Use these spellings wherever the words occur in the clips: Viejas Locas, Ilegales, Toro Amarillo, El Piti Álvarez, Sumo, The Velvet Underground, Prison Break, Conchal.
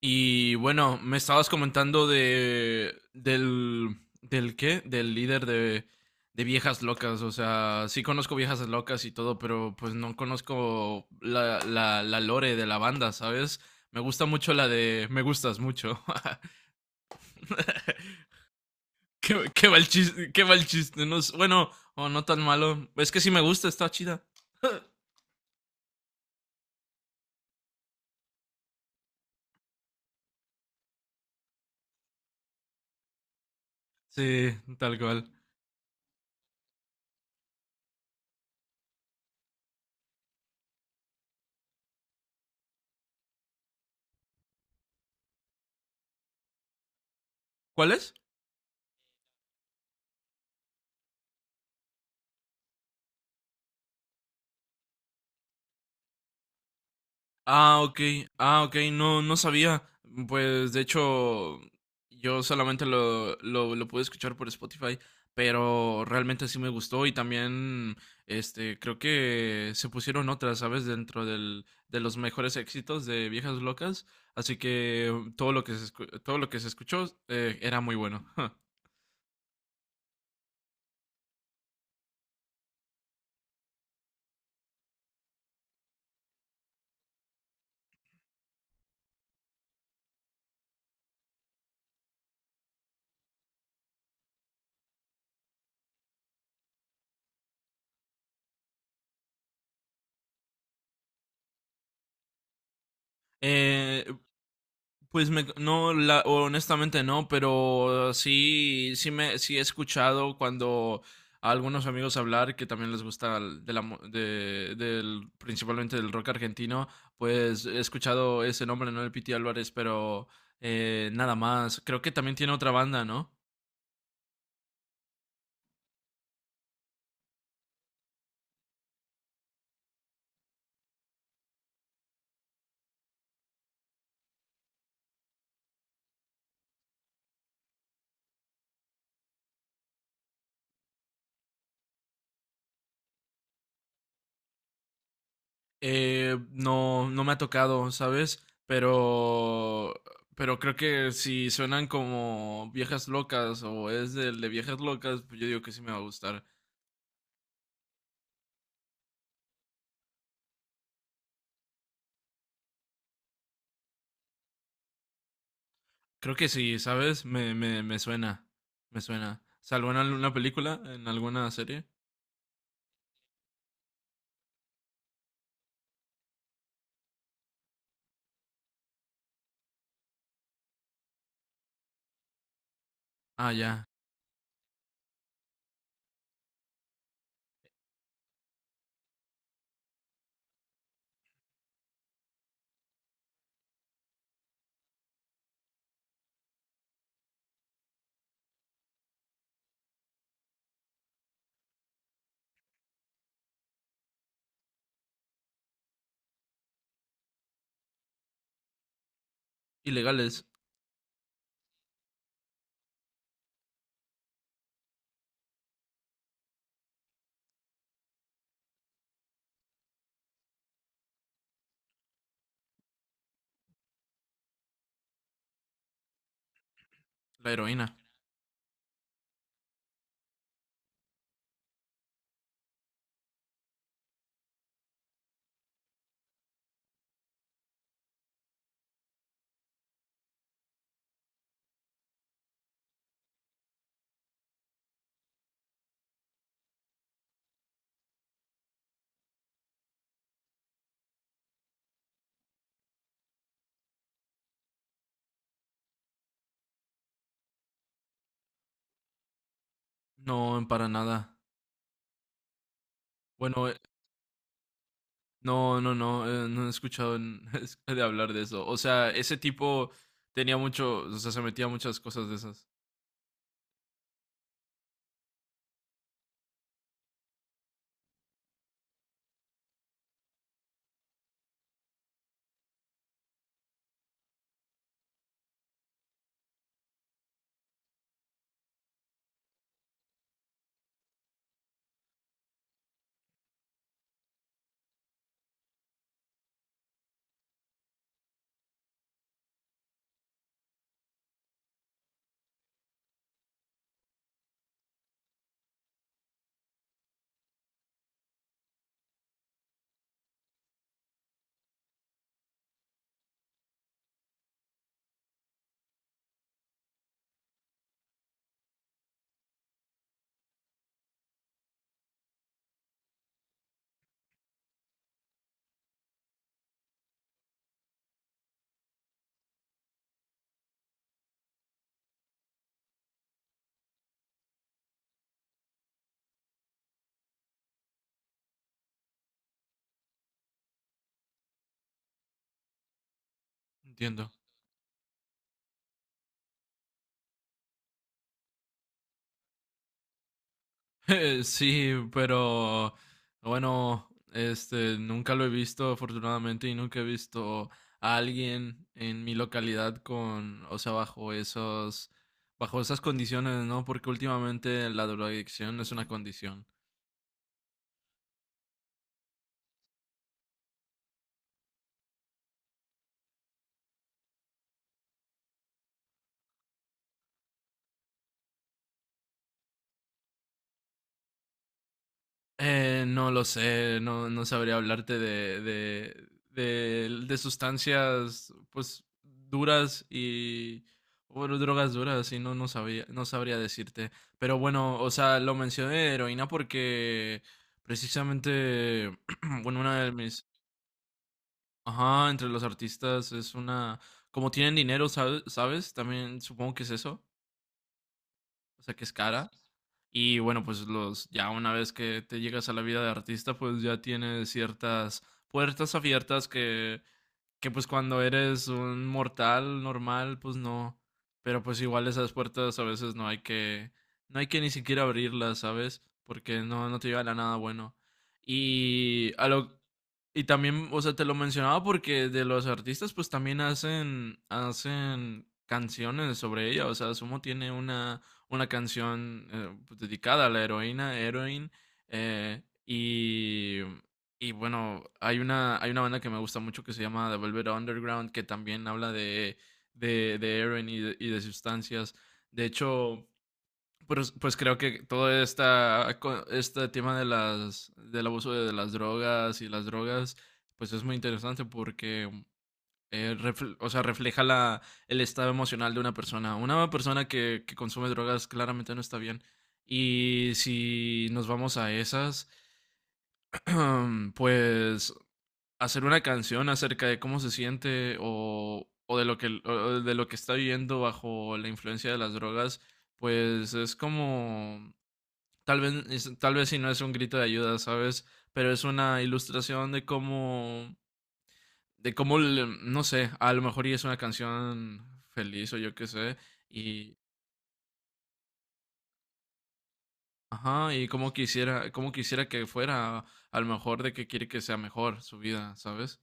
Y bueno, me estabas comentando de del del qué, del líder de Viejas Locas. O sea, sí conozco Viejas Locas y todo, pero pues no conozco la lore de la banda, ¿sabes? Me gusta mucho la de Me Gustas Mucho. Qué mal chiste, qué mal chiste. Bueno, o no tan malo. Es que sí me gusta, está chida. Sí, tal cual. ¿Cuál es? Ah, ok. Ah, ok. No, no sabía. Pues de hecho, yo solamente lo pude escuchar por Spotify, pero realmente sí me gustó. Y también, creo que se pusieron otras, ¿sabes? Dentro de los mejores éxitos de Viejas Locas. Así que todo lo que se escuchó era muy bueno. Eh, Pues no, honestamente no. Pero sí, sí me, sí he escuchado cuando a algunos amigos hablar que también les gusta el- de la mu- de- del, principalmente del rock argentino. Pues he escuchado ese nombre, ¿no? El Piti Álvarez. Pero nada más. Creo que también tiene otra banda, ¿no? No, no me ha tocado, ¿sabes? Pero creo que si suenan como Viejas Locas o es del de Viejas Locas, pues yo digo que sí me va a gustar. Creo que sí, ¿sabes? Me suena. Me suena. ¿Salvo en alguna película? ¿En alguna serie? Ah, ya. Ilegales. La heroína. No, para nada. Bueno, no, no, no. No he escuchado de hablar de eso. O sea, ese tipo tenía mucho. O sea, se metía a muchas cosas de esas. Entiendo. Sí, pero bueno, nunca lo he visto afortunadamente, y nunca he visto a alguien en mi localidad con, o sea, bajo esos, bajo esas condiciones, ¿no? Porque últimamente la drogadicción es una condición. No lo sé, no, no sabría hablarte de sustancias pues duras y bueno, drogas duras. Y no sabía, no sabría decirte. Pero bueno, o sea, lo mencioné heroína porque precisamente, bueno, una de mis, ajá, entre los artistas es una, como tienen dinero, ¿sabes? ¿Sabes? También supongo que es eso, o sea, que es cara. Y bueno, pues los, ya una vez que te llegas a la vida de artista, pues ya tienes ciertas puertas abiertas que pues cuando eres un mortal normal, pues no. Pero pues igual esas puertas a veces no hay que ni siquiera abrirlas, ¿sabes? Porque no, no te llevan a nada bueno. Y también, o sea, te lo mencionaba porque de los artistas, pues también hacen canciones sobre ella. O sea, Sumo tiene una canción pues, dedicada a la heroína, Heroin. Y, y bueno, hay una banda que me gusta mucho que se llama The Velvet Underground, que también habla de, de heroin y de sustancias. De hecho, pues creo que todo este tema del abuso de las drogas y las drogas, pues es muy interesante porque o sea, refleja el estado emocional de una persona. Una persona que consume drogas claramente no está bien. Y si nos vamos a esas, pues hacer una canción acerca de cómo se siente, o, o de lo que está viviendo bajo la influencia de las drogas, pues es como tal vez, tal vez si no es un grito de ayuda, ¿sabes? Pero es una ilustración de no sé, a lo mejor y es una canción feliz, o yo qué sé, y, ajá, y cómo quisiera que fuera, a lo mejor de que quiere que sea mejor su vida, ¿sabes?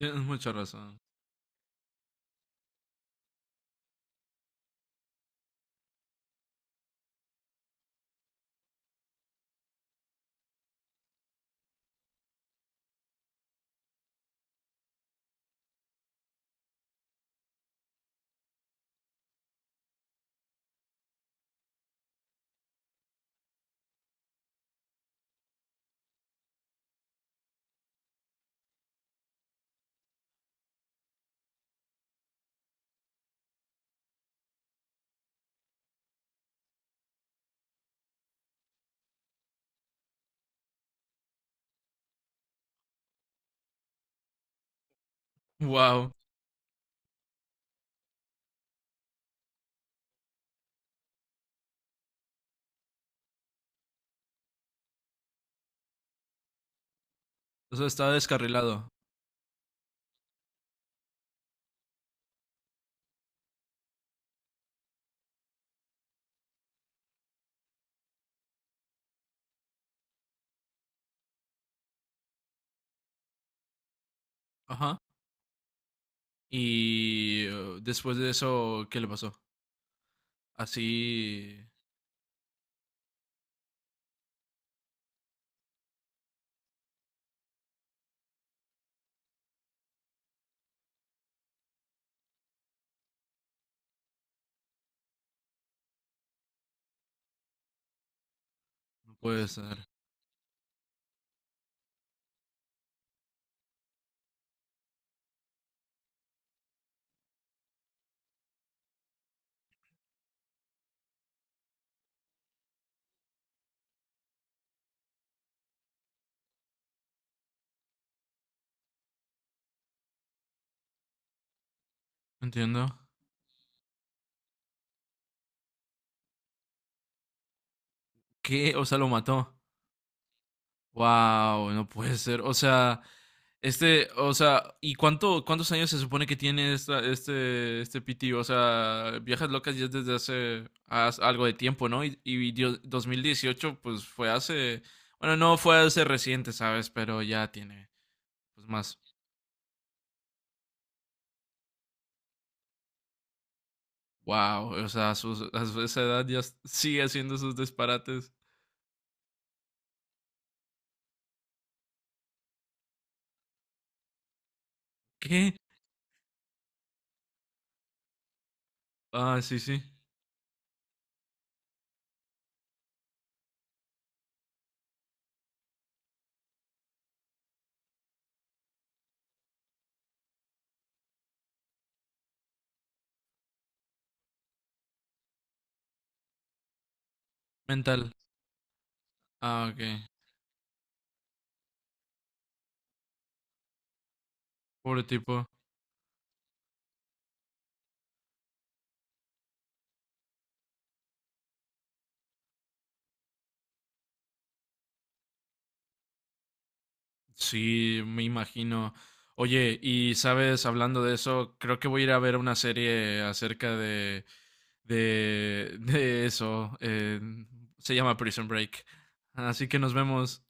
Tienes mucha razón. Wow, o sea, estaba descarrilado. Ajá. Y después de eso, ¿qué le pasó? Así no puede ser. Entiendo. ¿Qué? O sea, lo mató. Wow, no puede ser. O sea, este, o sea, ¿y cuántos años se supone que tiene este PT? O sea, Viejas Locas ya es desde hace algo de tiempo, ¿no? Y 2018, pues fue hace, bueno, no fue hace reciente, ¿sabes? Pero ya tiene, pues más. Wow, o sea, a, sus- a su- esa edad ya sigue haciendo sus disparates. ¿Qué? Ah, sí, sí. Mental. Ah, ok. Pobre tipo. Sí, me imagino. Oye, y sabes, hablando de eso, creo que voy a ir a ver una serie acerca de eso. Se llama Prison Break. Así que nos vemos.